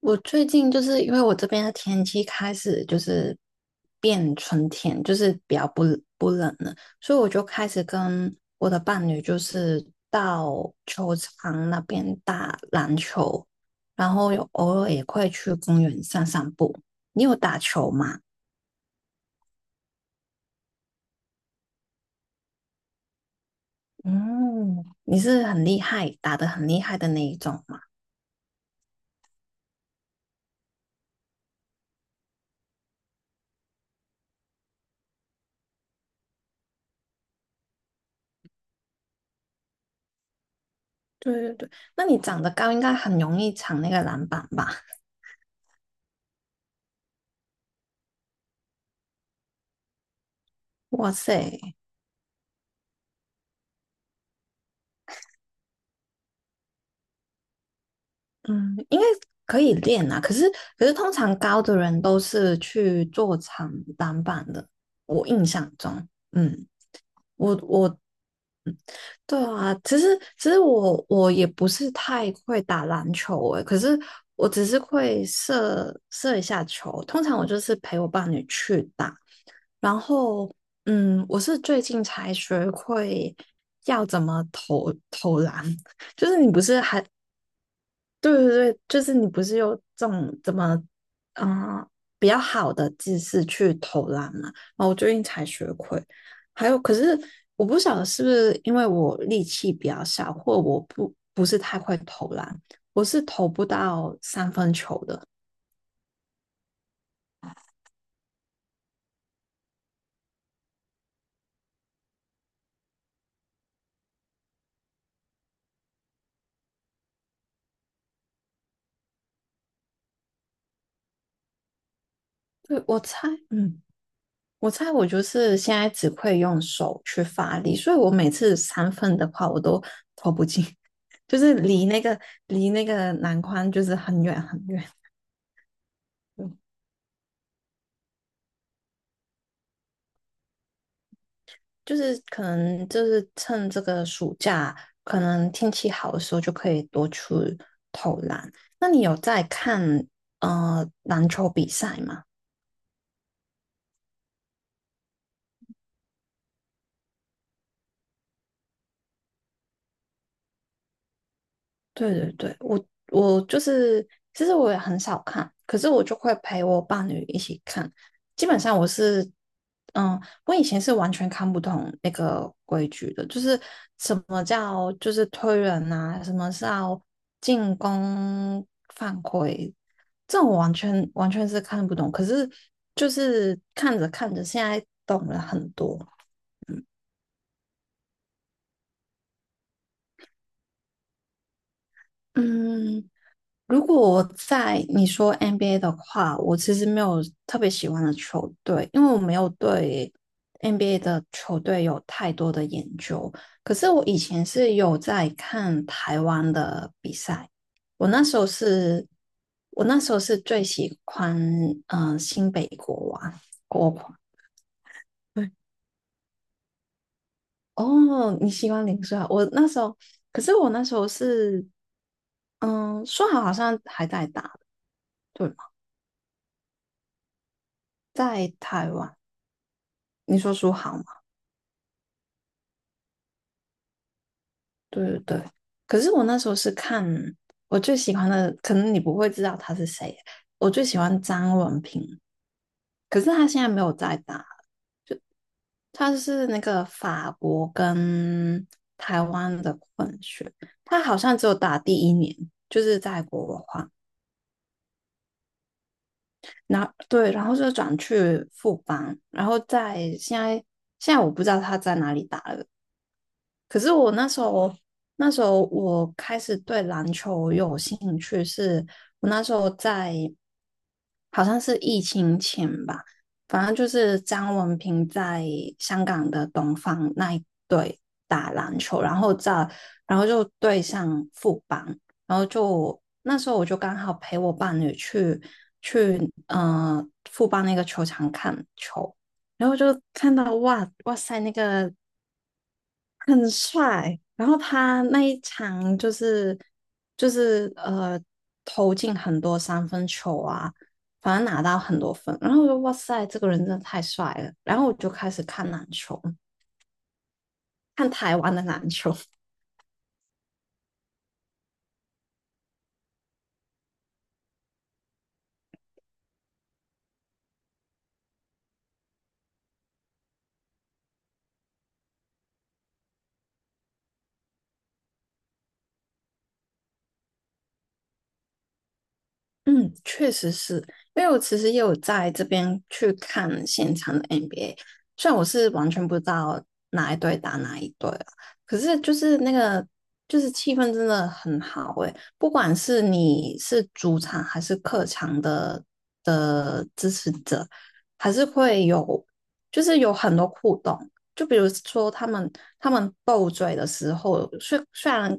我最近就是因为我这边的天气开始就是变春天，就是比较不冷了，所以我就开始跟我的伴侣就是到球场那边打篮球，然后有偶尔也会去公园散散步。你有打球吗？嗯，你是很厉害，打得很厉害的那一种吗？对对对，那你长得高，应该很容易抢那个篮板吧？哇塞！嗯，应该可以练啊。可是通常高的人都是去做长短板的，我印象中。嗯，我对啊，其实我也不是太会打篮球诶，可是我只是会射射一下球。通常我就是陪我伴侣去打，然后我是最近才学会要怎么投投篮。就是你不是还对对对，就是你不是有这种怎么，啊比较好的姿势去投篮嘛？然后我最近才学会，还有可是我不晓得是不是因为我力气比较小，或我不是太会投篮，我是投不到三分球的。对，我猜我就是现在只会用手去发力，所以我每次三分的话，我都就是离那个篮筐就是很远很远。就是可能就是趁这个暑假，可能天气好的时候就可以多去投篮。那你有在看篮球比赛吗？对对对，我就是，其实我也很少看，可是我就会陪我伴侣一起看。基本上我是，嗯，我以前是完全看不懂那个规矩的，就是什么叫就是推人啊，什么是要进攻犯规，这种我完全是看不懂。可是就是看着看着，现在懂了很多。嗯，如果我在你说 NBA 的话，我其实没有特别喜欢的球队，因为我没有对 NBA 的球队有太多的研究。可是我以前是有在看台湾的比赛，我那时候是，我那时候是最喜欢新北国王国王。对，哦，你喜欢林书豪？我那时候，可是我那时候是，嗯，书豪好像还在打，对吗？在台湾。你说书好吗？对对对。可是我那时候是看我最喜欢的，可能你不会知道他是谁。我最喜欢张文平，可是他现在没有在打，他是那个法国跟台湾的混血，他好像只有打第一年，就是在国华，然后对，然后就转去富邦，然后在现在我不知道他在哪里打了，可是我那时候，那时候我开始对篮球有兴趣是，我那时候在好像是疫情前吧，反正就是张文平在香港的东方那一队打篮球，然后在然后就对上富邦，然后就那时候我就刚好陪我伴侣去呃富邦那个球场看球，然后就看到哇塞那个很帅。然后他那一场就是就是投进很多三分球啊，反正拿到很多分。然后我就哇塞，这个人真的太帅了。然后我就开始看篮球，看台湾的篮球。嗯，确实是，因为我其实也有在这边去看现场的 NBA，虽然我是完全不知道哪一队打哪一队啊，可是就是那个就是气氛真的很好诶，不管是你是主场还是客场的支持者，还是会有就是有很多互动，就比如说他们斗嘴的时候，虽然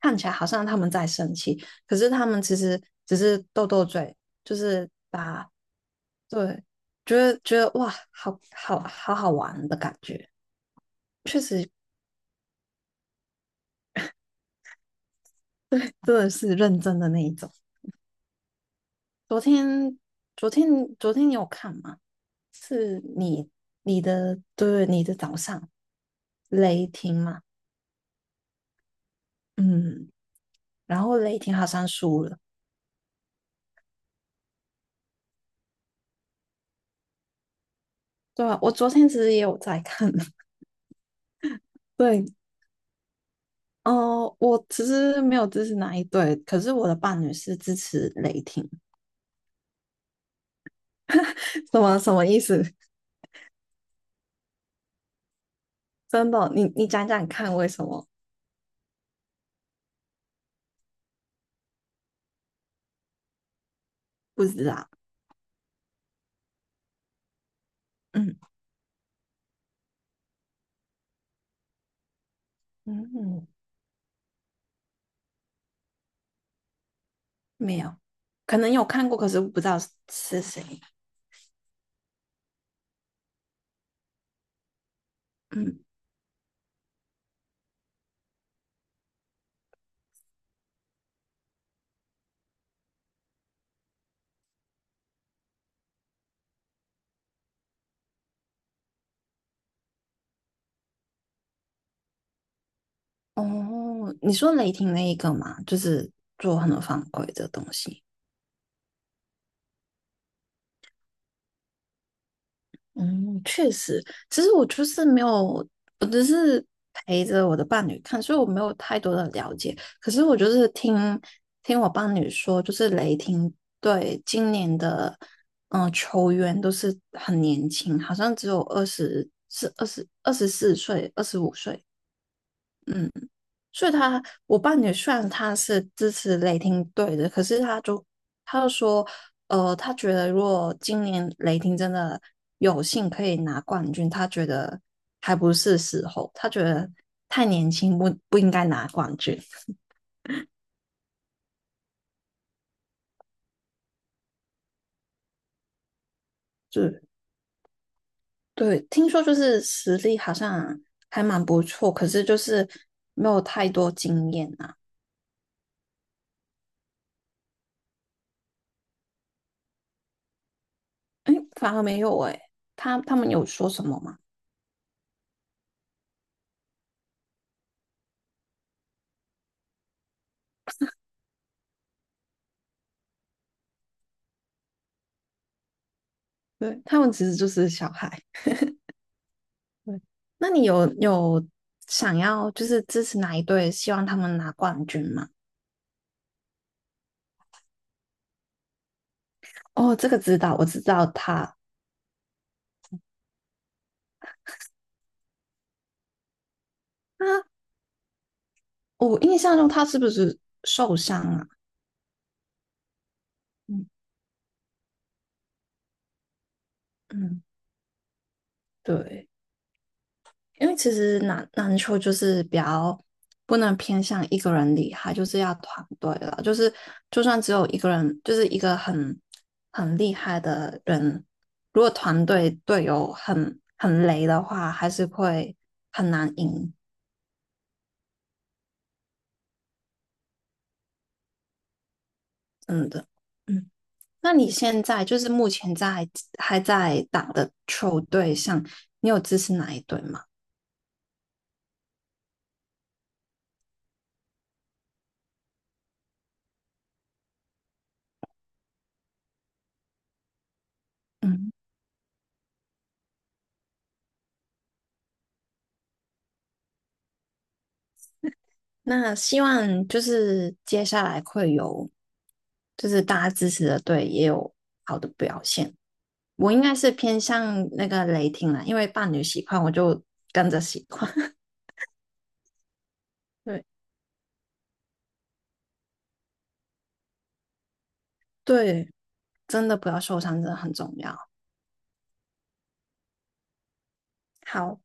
看起来好像他们在生气。可是他们其实只是斗斗嘴，就是打，对，觉得哇，好好玩的感觉，真的是认真的那一种。昨天昨天昨天你有看吗？是你你的早上雷霆嘛，嗯，然后雷霆好像输了，对啊，我昨天其实也有在看，对，哦、我其实没有支持哪一队，可是我的伴侣是支持雷霆，什么意思？真的，你讲讲看为什么？不知道，嗯嗯，嗯，没有，可能有看过，可是不知道是谁。嗯，哦，你说雷霆那一个嘛，就是做很多犯规的东西。嗯，确实，其实我就是没有，我只是陪着我的伴侣看，所以我没有太多的了解。可是我就是听我伴侣说，就是雷霆队今年的嗯、球员都是很年轻，好像只有二十是二十24岁、25岁，嗯。所以他，我伴侣虽然他是支持雷霆队的，可是他就说，他觉得如果今年雷霆真的有幸可以拿冠军，他觉得还不是时候，他觉得太年轻不应该拿冠军。就对，听说就是实力好像还蛮不错，可是就是没有太多经验啊。哎，反而没有哎、他们有说什么吗？对，他们其实就是小孩。对，那你有想要就是支持哪一队，希望他们拿冠军吗？哦，这个知道，我知道他。他我印象中他是不是受伤啊？嗯嗯，对，因为其实篮球就是比较不能偏向一个人厉害，就是要团队了，就是就算只有一个人，就是一个很厉害的人，如果团队队友很雷的话，还是会很难赢。嗯的，嗯，那你现在就是目前在还在打的球队上，你有支持哪一队吗？嗯，那希望就是接下来会有，就是大家支持的队也有好的表现。我应该是偏向那个雷霆啦，因为伴侣喜欢，我就跟着喜欢。对对，真的不要受伤，真的很重要。好。